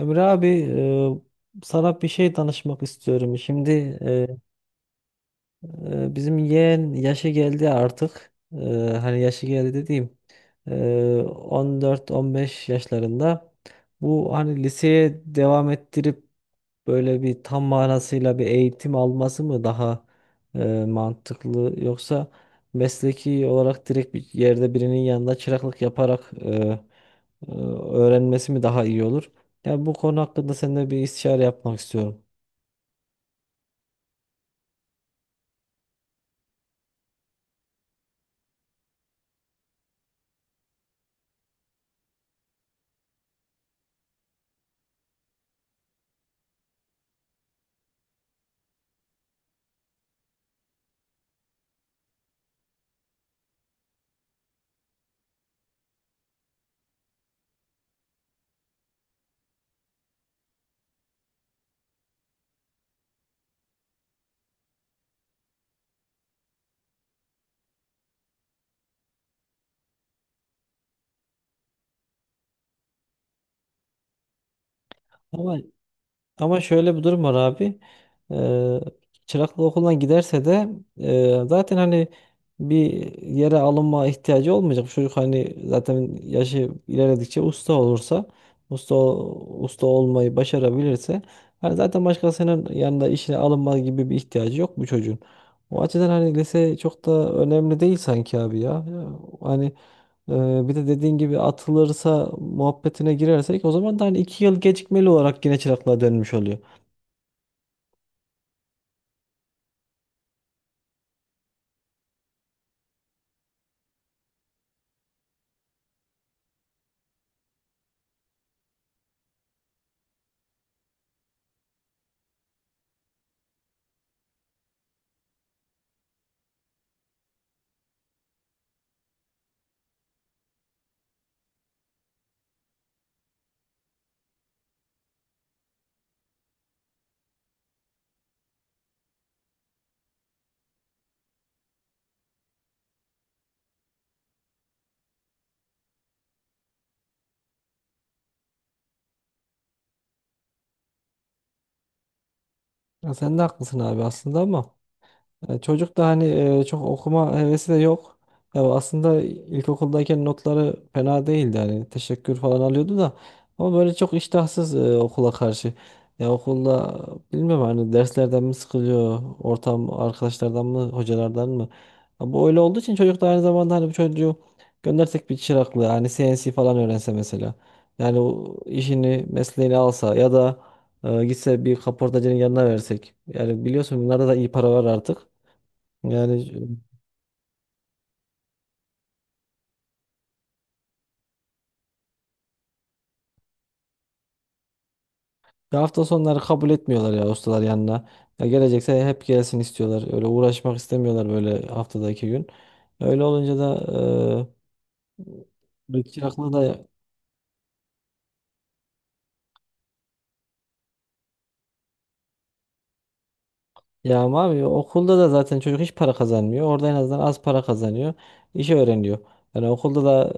Emre abi, sana bir şey danışmak istiyorum. Şimdi e, bizim yeğen yaşı geldi artık. Hani yaşı geldi dediğim e, 14-15 yaşlarında. Bu hani liseye devam ettirip böyle bir tam manasıyla bir eğitim alması mı daha mantıklı, yoksa mesleki olarak direkt bir yerde birinin yanında çıraklık yaparak e, öğrenmesi mi daha iyi olur? Yani bu konu hakkında seninle bir istişare yapmak istiyorum. Ama Ama şöyle bir durum var abi. Eee Çıraklık okuldan giderse de zaten hani bir yere alınma ihtiyacı olmayacak. Bu çocuk hani zaten yaşı ilerledikçe usta olursa, usta usta olmayı başarabilirse hani zaten başkasının yanında işine alınma gibi bir ihtiyacı yok bu çocuğun. O açıdan hani lise çok da önemli değil sanki abi ya. Hani bir de dediğin gibi atılırsa muhabbetine girersek o zaman da hani iki yıl gecikmeli olarak yine çıraklığa dönmüş oluyor. Ya sen de haklısın abi aslında ama. Çocuk da hani çok okuma hevesi de yok. Ya aslında ilkokuldayken notları fena değildi, hani teşekkür falan alıyordu da ama böyle çok iştahsız okula karşı. Ya okulda bilmiyorum, hani derslerden mi sıkılıyor, ortam arkadaşlardan mı, hocalardan mı? Ya bu öyle olduğu için çocuk da aynı zamanda hani bu çocuğu göndersek bir çıraklığı, hani CNC falan öğrense mesela. Yani o işini, mesleğini alsa ya da gitse bir kaportacının yanına versek. Yani biliyorsun bunlarda da iyi para var artık. Yani hafta sonları kabul etmiyorlar ya ustalar yanına. Ya gelecekse hep gelsin istiyorlar. Öyle uğraşmak istemiyorlar böyle haftada iki gün. Öyle olunca da bir çıraklığı da yağmalamıyor. Okulda da zaten çocuk hiç para kazanmıyor. Orada en azından az para kazanıyor. İşi öğreniyor. Yani okulda da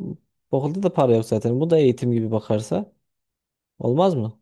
e, okulda da para yok zaten. Bu da eğitim gibi bakarsa olmaz mı?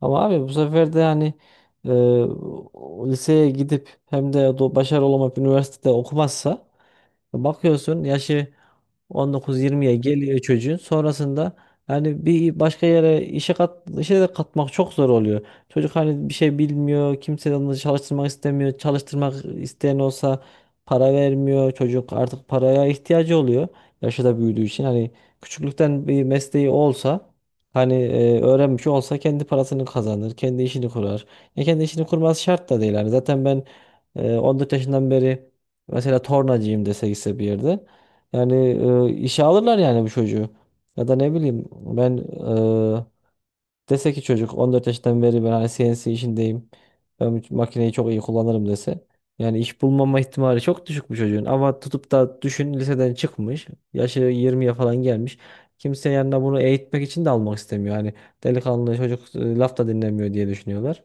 Ama abi bu sefer de hani e, liseye gidip hem de başarılı olmak, üniversitede okumazsa bakıyorsun yaşı 19-20'ye geliyor çocuğun. Sonrasında yani bir başka yere işe de katmak çok zor oluyor. Çocuk hani bir şey bilmiyor. Kimse de onu çalıştırmak istemiyor. Çalıştırmak isteyen olsa para vermiyor. Çocuk artık paraya ihtiyacı oluyor. Yaşı da büyüdüğü için hani küçüklükten bir mesleği olsa hani öğrenmiş olsa kendi parasını kazanır. Kendi işini kurar. Ya kendi işini kurması şart da değil. Hani zaten ben 14 yaşından beri mesela tornacıyım dese, gitse bir yerde. Yani işe alırlar yani bu çocuğu. Ya da ne bileyim ben, e, dese ki çocuk 14 yaşından beri ben hani CNC işindeyim, ben bu makineyi çok iyi kullanırım dese. Yani iş bulmama ihtimali çok düşük bu çocuğun. Ama tutup da düşün, liseden çıkmış, yaşı 20'ye falan gelmiş. Kimse yanına bunu eğitmek için de almak istemiyor. Hani delikanlı çocuk laf da dinlemiyor diye düşünüyorlar.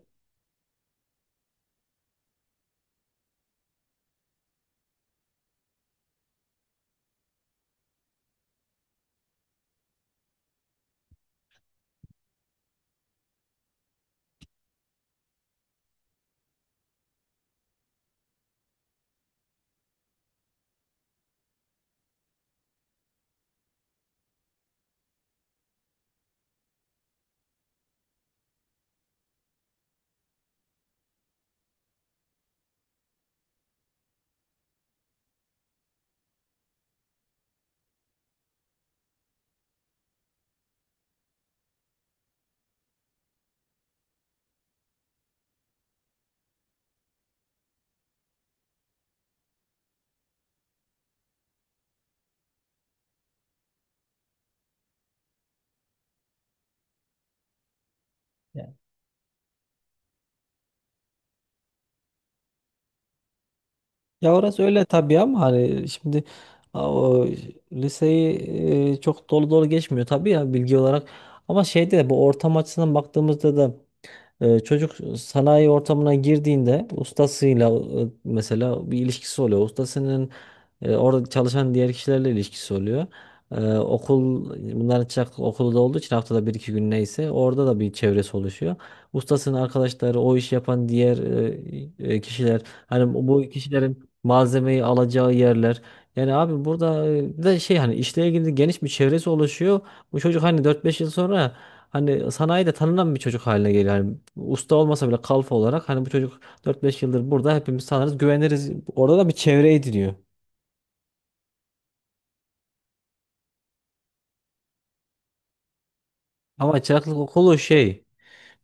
Ya orası öyle tabii ama hani şimdi a- o liseyi çok dolu dolu geçmiyor tabii ya bilgi olarak. Ama şeyde de bu ortam açısından baktığımızda da çocuk sanayi ortamına girdiğinde ustasıyla mesela bir ilişkisi oluyor. Ustasının, orada çalışan diğer kişilerle ilişkisi oluyor. Okul bunların çırak okulu da olduğu için haftada bir iki gün neyse orada da bir çevresi oluşuyor. Ustasının arkadaşları, o iş yapan diğer kişiler, hani bu kişilerin malzemeyi alacağı yerler. Yani abi burada bir de şey, hani işle ilgili geniş bir çevresi oluşuyor. Bu çocuk hani dört beş yıl sonra hani sanayide tanınan bir çocuk haline geliyor. Hani usta olmasa bile kalfa olarak, hani bu çocuk dört beş yıldır burada, hepimiz tanırız, güveniriz. Orada da bir çevre ediniyor. Ama çıraklık okulu şey.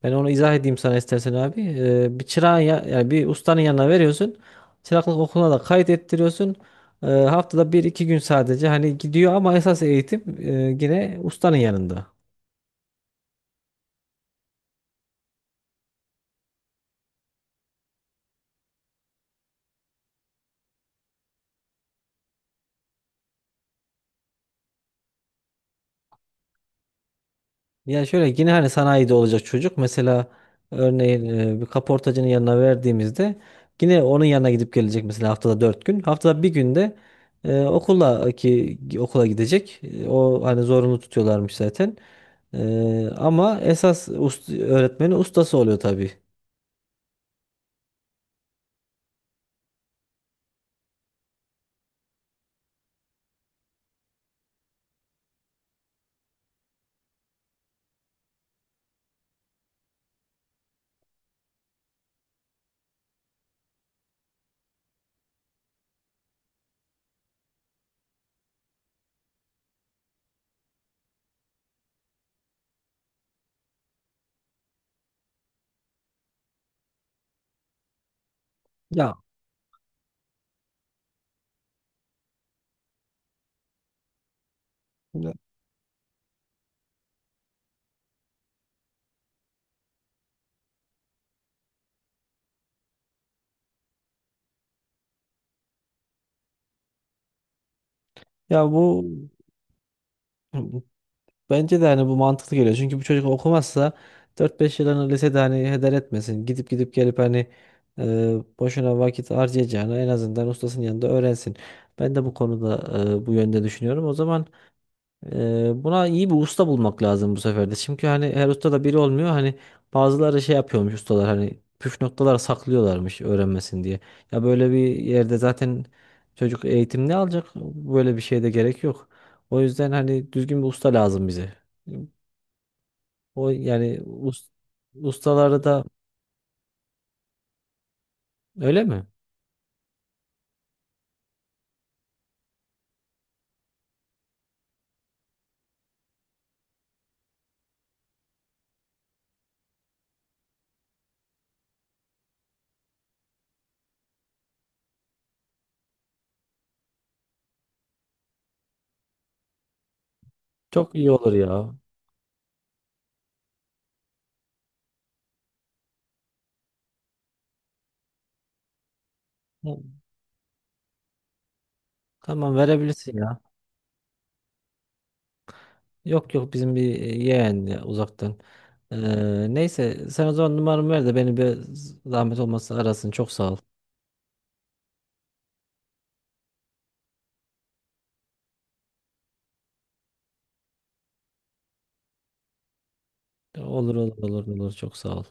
Ben onu izah edeyim sana istersen abi. Bir çırağın ya, yani bir ustanın yanına veriyorsun. Çıraklık okuluna da kayıt ettiriyorsun. Haftada bir iki gün sadece hani gidiyor ama esas eğitim yine ustanın yanında. Ya şöyle, yine hani sanayide olacak çocuk, mesela örneğin bir kaportacının yanına verdiğimizde yine onun yanına gidip gelecek mesela haftada 4 gün. Haftada bir günde okula, ki okula gidecek. E, o hani zorunlu tutuyorlarmış zaten. E, ama öğretmeni ustası oluyor tabii. Ya ya bu bence de hani bu mantıklı geliyor. Çünkü bu çocuk okumazsa dört beş yılını lisede hani heder etmesin. Gidip gidip gelip hani e, boşuna vakit harcayacağına en azından ustasının yanında öğrensin. Ben de bu konuda bu yönde düşünüyorum. O zaman, buna iyi bir usta bulmak lazım bu sefer de. Çünkü hani her usta da biri olmuyor. Hani bazıları şey yapıyormuş ustalar, hani püf noktalar saklıyorlarmış öğrenmesin diye. Ya böyle bir yerde zaten çocuk eğitim ne alacak? Böyle bir şeye de gerek yok. O yüzden hani düzgün bir usta lazım bize. O yani us- ustaları da öyle mi? Çok iyi olur ya. Tamam, verebilirsin ya. Yok yok, bizim bir yeğen ya, uzaktan. Neyse sen o zaman numaramı ver de beni bir zahmet olmazsa arasın. Çok sağ ol. Olur olur olur olur, çok sağ ol.